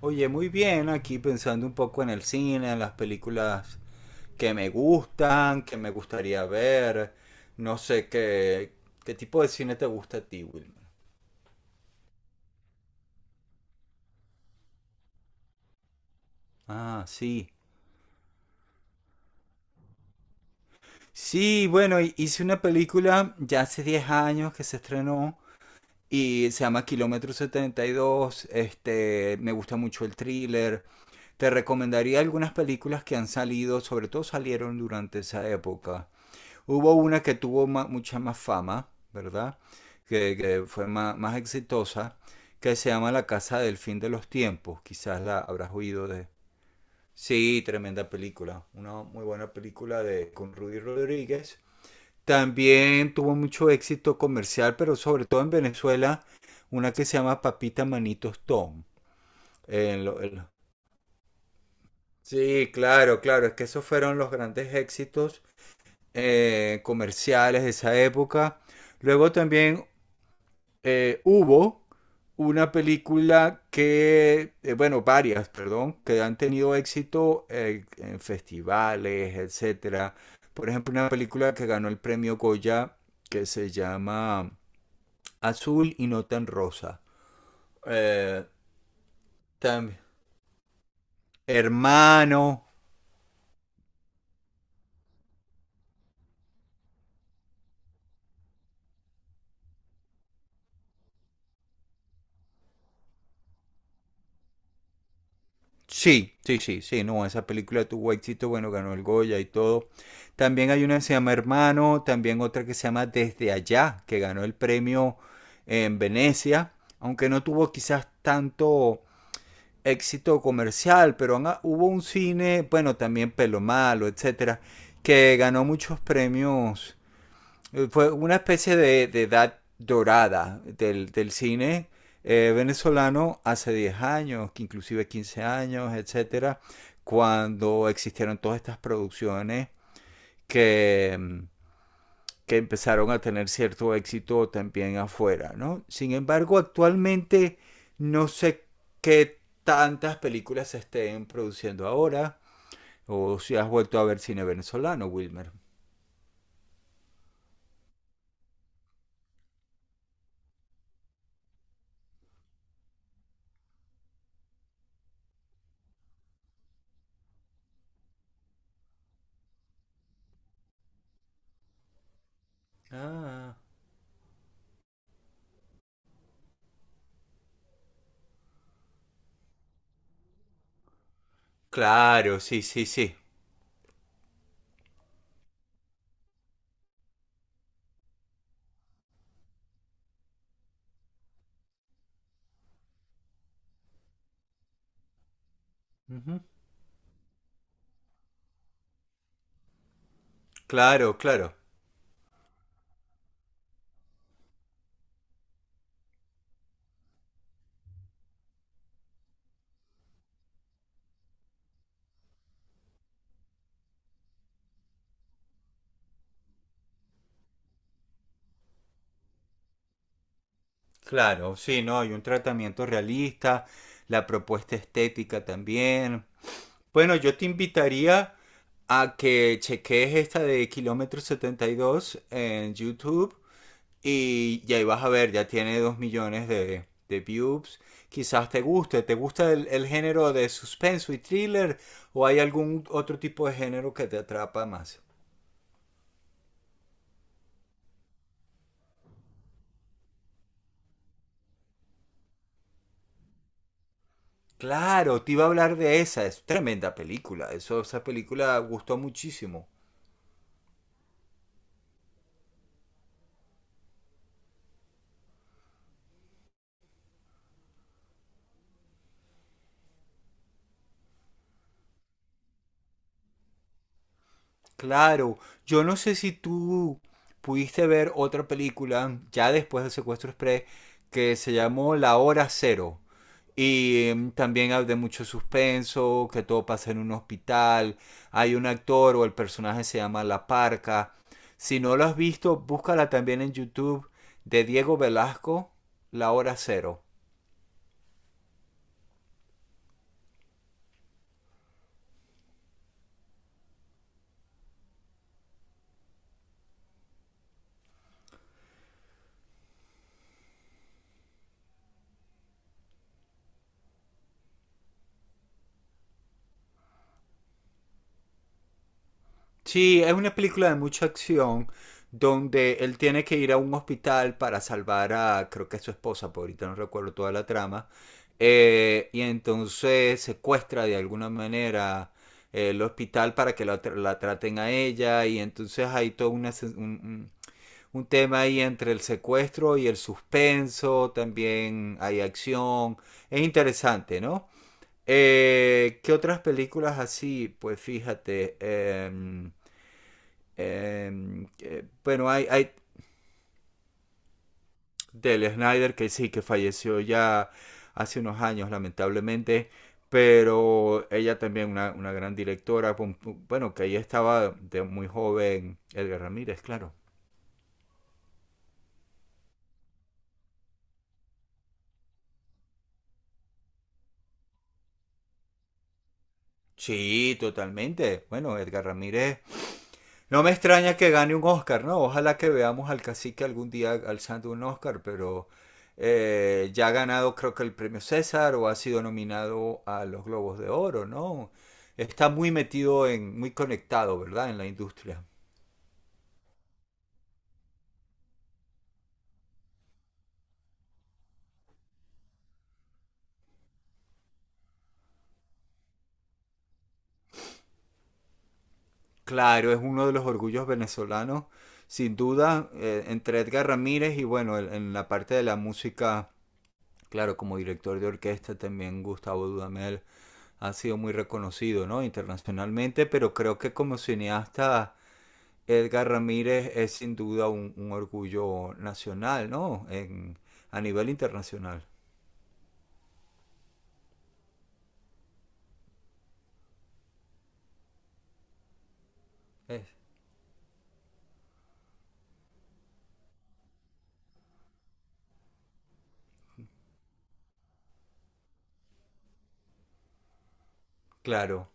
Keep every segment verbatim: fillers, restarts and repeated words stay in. Oye, muy bien, aquí pensando un poco en el cine, en las películas que me gustan, que me gustaría ver. No sé qué, ¿Qué tipo de cine te gusta a ti, Wilmer? Ah, sí. Sí, bueno, hi- hice una película ya hace diez años que se estrenó y se llama Kilómetro setenta y dos. Este, me gusta mucho el thriller. Te recomendaría algunas películas que han salido, sobre todo salieron durante esa época. Hubo una que tuvo ma- mucha más fama, ¿verdad? Que, que fue ma- más exitosa, que se llama La Casa del Fin de los Tiempos. Quizás la habrás oído de... Sí, tremenda película. Una muy buena película de, con Rudy Rodríguez. También tuvo mucho éxito comercial, pero sobre todo en Venezuela, una que se llama Papita Manitos Tom. En lo- en lo- Sí, claro, claro, es que esos fueron los grandes éxitos eh, comerciales de esa época. Luego también eh, hubo una película que, eh, bueno, varias, perdón, que han tenido éxito eh, en festivales, etcétera. Por ejemplo, una película que ganó el premio Goya que se llama Azul y no tan rosa. Eh, también. Hermano, sí, sí, sí, sí, no, esa película tuvo éxito, bueno, ganó el Goya y todo. También hay una que se llama Hermano, también otra que se llama Desde Allá, que ganó el premio en Venecia, aunque no tuvo quizás tanto éxito comercial, pero han- hubo un cine, bueno, también Pelo Malo, etcétera, que ganó muchos premios. eh, Fue una especie de, de edad dorada del, del cine eh, venezolano hace diez años, que inclusive quince años, etcétera, cuando existieron todas estas producciones que, mm, que empezaron a tener cierto éxito también afuera, ¿no? Sin embargo, actualmente no sé qué tantas películas se estén produciendo ahora o si has vuelto a ver cine venezolano, Wilmer. Ah, claro, sí, sí, sí. Claro, claro, claro, sí, no, hay un tratamiento realista, la propuesta estética también. Bueno, yo te invitaría a que cheques esta de Kilómetro setenta y dos en YouTube y, y ahí vas a ver, ya tiene dos millones de, de views. Quizás te guste. ¿Te gusta el, el género de suspenso y thriller o hay algún otro tipo de género que te atrapa más? Claro, te iba a hablar de esa, es tremenda película, eso, esa película gustó muchísimo. Claro, yo no sé si tú pudiste ver otra película ya después del Secuestro Express que se llamó La Hora Cero, y em, también hay de mucho suspenso, que todo pasa en un hospital, hay un actor o el personaje se llama La Parca. Si no lo has visto, búscala también en YouTube de Diego Velasco, La Hora Cero. Sí, es una película de mucha acción donde él tiene que ir a un hospital para salvar a, creo que es su esposa, por ahorita no recuerdo toda la trama, eh, y entonces secuestra de alguna manera el hospital para que la, tra- la traten a ella, y entonces hay todo una sen- un, un- un tema ahí entre el secuestro y el suspenso, también hay acción, es interesante, ¿no? Eh, ¿qué otras películas así? Pues fíjate, em, eh, eh, bueno, hay, hay del Snider, que sí, que falleció ya hace unos años, lamentablemente, pero ella también una, una gran directora, bueno, que ahí estaba de muy joven Edgar Ramírez, claro. Sí, totalmente. Bueno, Edgar Ramírez, no me extraña que gane un Oscar, ¿no? Ojalá que veamos al cacique algún día alzando un Oscar, pero eh, ya ha ganado creo que el premio César o ha sido nominado a los Globos de Oro, ¿no? Está muy metido en, muy conectado, ¿verdad? En la industria. Claro, es uno de los orgullos venezolanos, sin duda, eh, entre Edgar Ramírez y bueno, el- en la parte de la música, claro, como director de orquesta también Gustavo Dudamel ha sido muy reconocido, ¿no? Internacionalmente, pero creo que como cineasta Edgar Ramírez es sin duda un, un orgullo nacional, ¿no? En, a nivel internacional. Es, claro.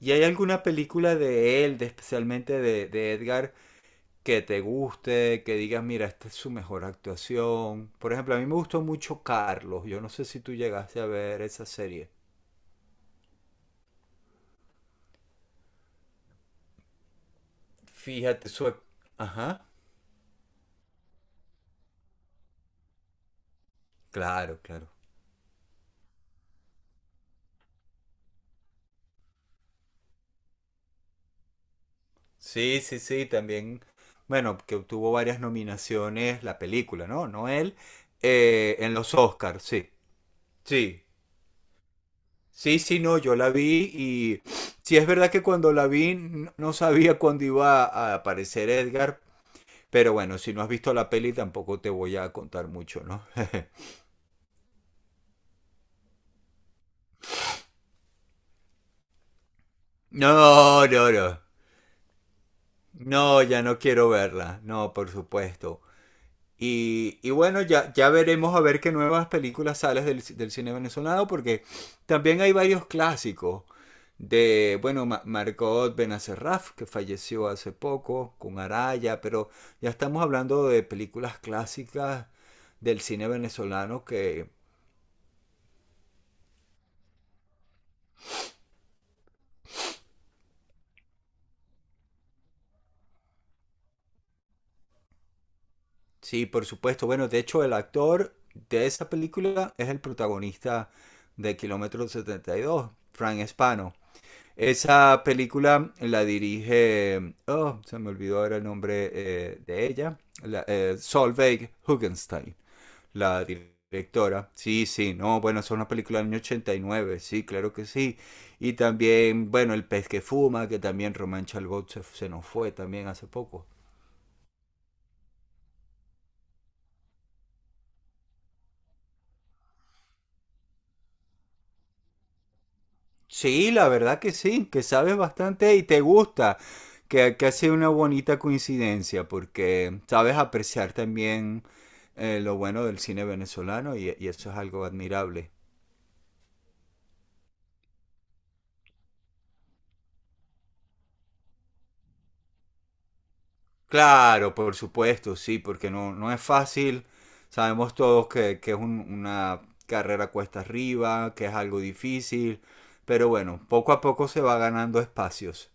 ¿Y hay alguna película de él, de, especialmente de, de Edgar, que te guste, que digas, mira, esta es su mejor actuación? Por ejemplo, a mí me gustó mucho Carlos. Yo no sé si tú llegaste a ver esa serie. Fíjate, su... Ajá. Claro, claro. Sí, sí, sí, también, bueno, que obtuvo varias nominaciones la película, ¿no? No él, eh, en los Oscars, sí, sí, sí, sí, no, yo la vi y sí es verdad que cuando la vi n- no sabía cuándo iba a aparecer Edgar, pero bueno, si no has visto la peli tampoco te voy a contar mucho, ¿no? No, no, no, no, ya no quiero verla, no, por supuesto. Y, y bueno, ya, ya veremos a ver qué nuevas películas salen del, del cine venezolano, porque también hay varios clásicos de, bueno, Ma- Margot Benacerraf, que falleció hace poco, con Araya, pero ya estamos hablando de películas clásicas del cine venezolano que, sí, por supuesto, bueno, de hecho el actor de esa película es el protagonista de Kilómetro setenta y dos, Frank Espano. Esa película la dirige, oh, se me olvidó ahora el nombre eh, de ella, la, eh, Solveig Hugenstein, la directora. Sí, sí, no, bueno, es una película del año ochenta y nueve, sí, claro que sí. Y también, bueno, El pez que fuma, que también Román Chalbot se, se nos fue también hace poco. Sí, la verdad que sí, que sabes bastante y te gusta, que, que ha sido una bonita coincidencia, porque sabes apreciar también eh, lo bueno del cine venezolano y, y eso es algo admirable. Claro, por supuesto, sí, porque no, no es fácil. Sabemos todos que, que es un- una carrera cuesta arriba, que es algo difícil, pero bueno, poco a poco se va ganando espacios.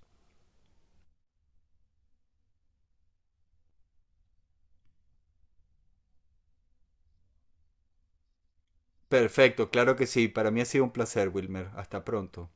Perfecto, claro que sí. Para mí ha sido un placer, Wilmer. Hasta pronto.